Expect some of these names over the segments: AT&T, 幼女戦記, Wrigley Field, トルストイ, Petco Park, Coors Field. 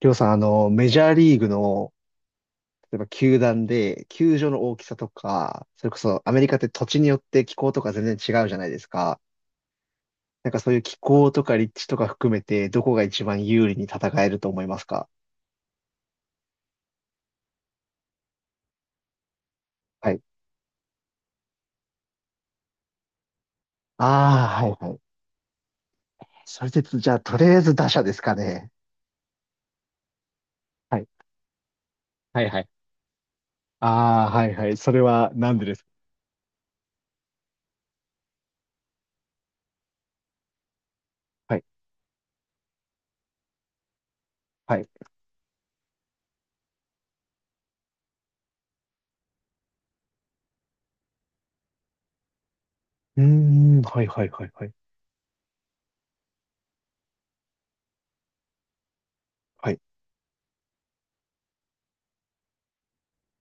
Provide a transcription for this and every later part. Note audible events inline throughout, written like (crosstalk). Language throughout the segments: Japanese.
りょうさん、メジャーリーグの、例えば球団で、球場の大きさとか、それこそアメリカって土地によって気候とか全然違うじゃないですか。なんかそういう気候とか立地とか含めて、どこが一番有利に戦えると思いますか？はい。ああ、はいはい。それで、じゃあ、とりあえず打者ですかね。はい。はいはい。ああ、はいはい。それはなんでですか？はい。はい。うーん、はいはいはいはい。はい。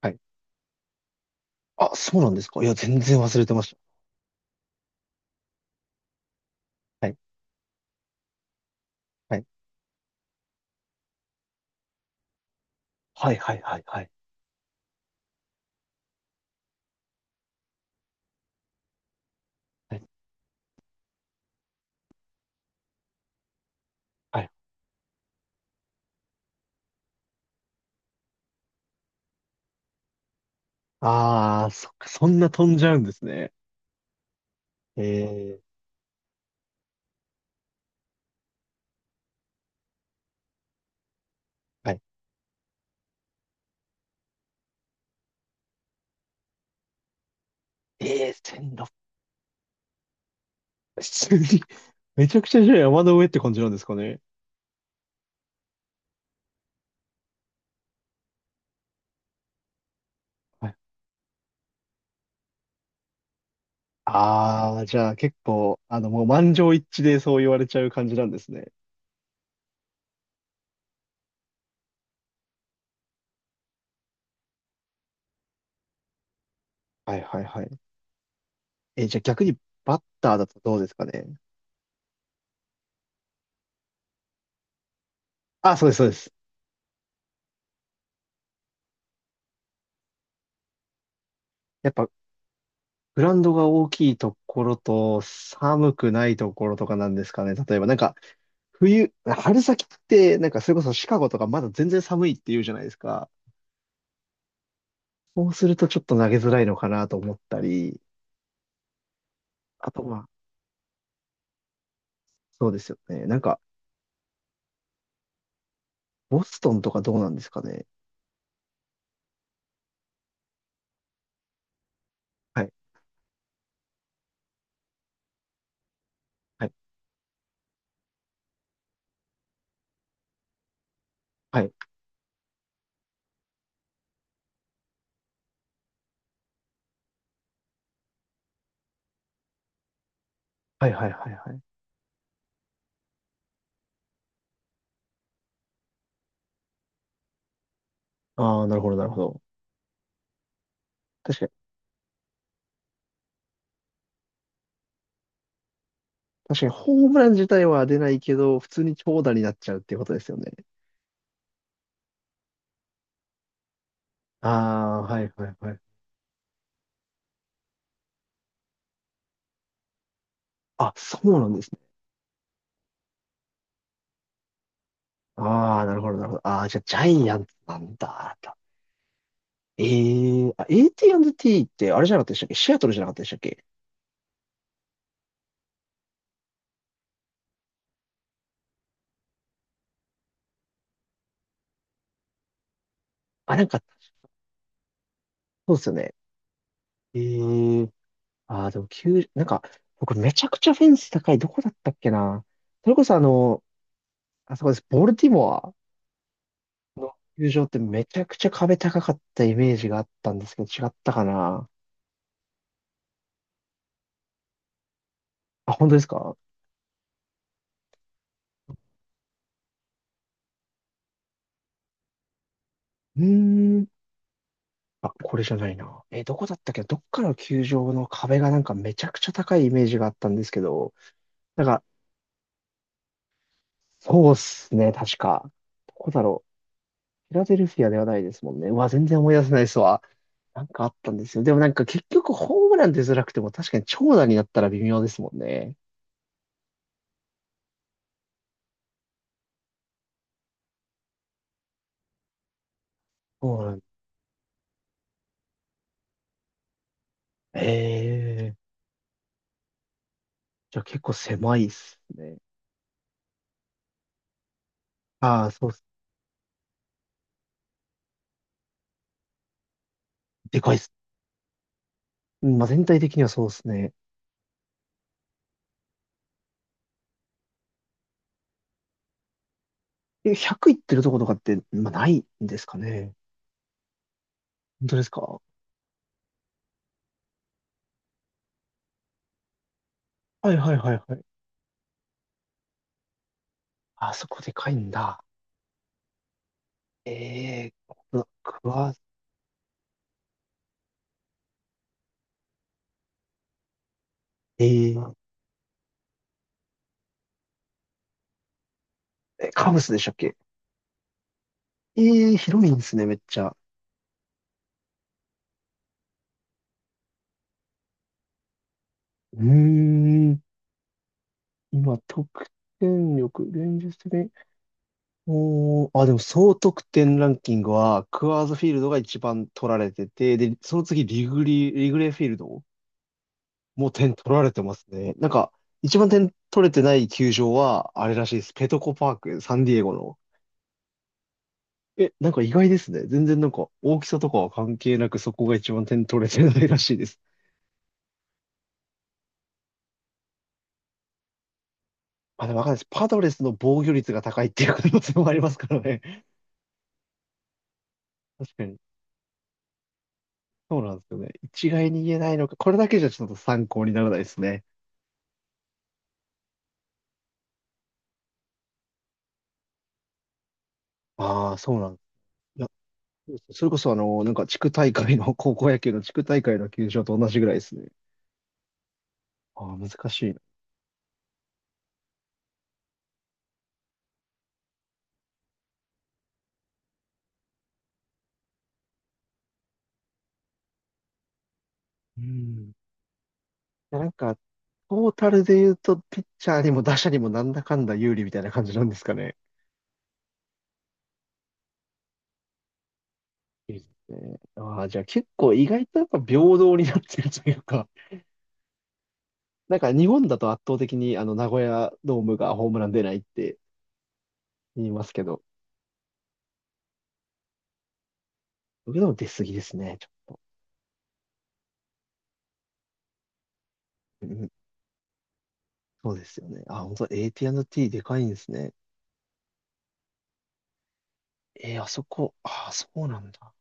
はい。あ、そうなんですか？いや、全然忘れてました。はい。はい。はいはいはいはい。はいはい。ああ、そっか、そんな飛んじゃうんですね。ええ、はい。ええ、1600、普通に (laughs) めちゃくちゃじゃあ山の上って感じなんですかね。はい。ああ、じゃあ結構、もう満場一致でそう言われちゃう感じなんですね。はいはいはい。え、じゃあ逆にバッターだとどうですかね？あ、そうです、そうです。やっぱ、グラウンドが大きいところと、寒くないところとかなんですかね。例えばなんか、冬、春先って、なんかそれこそシカゴとかまだ全然寒いって言うじゃないですか。そうするとちょっと投げづらいのかなと思ったり、あとまあ、そうですよね。なんか、ボストンとかどうなんですかね？はい、はい、はい、はい、はい、はいはい。ああ、なるほど、なるほど。確かに、確かにホームラン自体は出ないけど、普通に長打になっちゃうっていうことですよね。ああ、はい、はい、はい。あ、そうなんですね。ああ、なるほど、なるほど。ああ、じゃあ、ジャイアンツなんだ。ええ、あ、AT&T ってあれじゃなかったでしたっけ？シアトルじゃなかったでしたっけ？あ、なんか、そうですよね。ええ。ああ、でも9、なんか、僕めちゃくちゃフェンス高い。どこだったっけな。それこそあそこです。ボルティモアの球場ってめちゃくちゃ壁高かったイメージがあったんですけど、違ったかな。あ、本当ですか？うーん。あ、これじゃないな。え、どこだったっけ？どっかの球場の壁がなんかめちゃくちゃ高いイメージがあったんですけど、なんか、そうっすね、確か。どこだろ？フィラデルフィアではないですもんね。うわ、全然思い出せないですわ。なんかあったんですよ。でもなんか結局ホームラン出づらくても確かに長打になったら微妙ですもんね。そうなんだ。ええ、じゃあ結構狭いっすね。ああ、そうっす。でかいっす。うん、まあ全体的にはそうっすね。え、100いってるとことかって、まあないんですかね？本当ですか？はいはいはいはい。あそこでかいんだ。ええー、えーえ、カブスでしたっけ？ええー、広いんですね、めっちゃ。うーん。今、得点力、現実的に。おー、あ、でも総得点ランキングは、クワーズフィールドが一番取られてて、で、その次、リグレーフィールド、もう点取られてますね。なんか、一番点取れてない球場は、あれらしいです。ペトコパーク、サンディエゴの。え、なんか意外ですね。全然なんか、大きさとかは関係なく、そこが一番点取れてないらしいです。まあ、でもわかんないです。パドレスの防御率が高いっていう可能性もありますからね。確かに。そうなんですよね。一概に言えないのか。これだけじゃちょっと参考にならないですね。ああ、そうなんです。いや、そうです。それこそなんか地区大会の、高校野球の地区大会の球場と同じぐらいですね。ああ、難しいな。うん。いや、なんか、トータルで言うと、ピッチャーにも打者にもなんだかんだ有利みたいな感じなんですかね。いいですね。ああ、じゃあ結構意外とやっぱ平等になってるというか、なんか日本だと圧倒的にあの名古屋ドームがホームラン出ないって言いますけど、僕でも出過ぎですね。ちょっと、うん、そうですよね。あ、本当 AT&T でかいんですね。あそこ、あ、そうなんだ。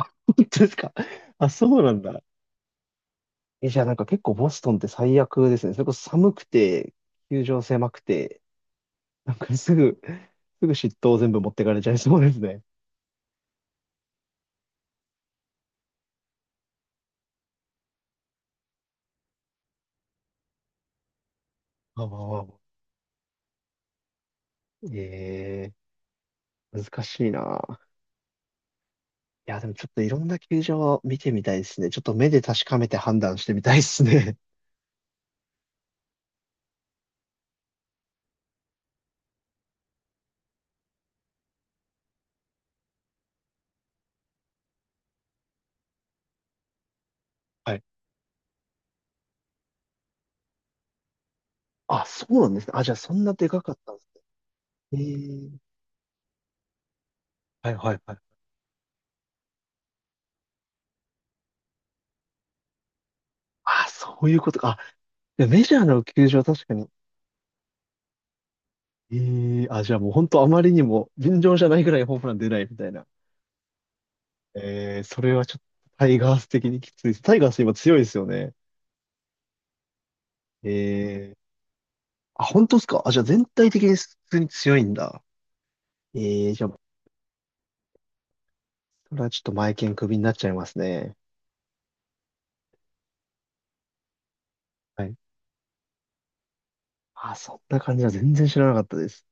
(laughs) 本当ですか。あ、そうなんだ。え、じゃあなんか結構ボストンって最悪ですね。それこそ寒くて、球場狭くて、なんか (laughs) すぐ嫉妬を全部持ってかれちゃいそうですね。あ、まあまあまあ。え難しいな。いや、でもちょっといろんな球場を見てみたいですね。ちょっと目で確かめて判断してみたいですね。(laughs) はい。あ、そうなんですね。あ、じゃあそんなでかかったんですね。えー、はいはいはい。あ、そういうことか。あ、でメジャーの球場は確かに。ええ、あ、じゃあもう本当あまりにも尋常じゃないぐらいホームラン出ないみたいな。ええ、それはちょっとタイガース的にきついです。タイガース今強いですよね。ええ、あ、本当ですか？あ、じゃあ全体的に普通に強いんだ。ええ、じゃあ、それはちょっと前剣クビになっちゃいますね。はい。あ、そんな感じは全然知らなかったです。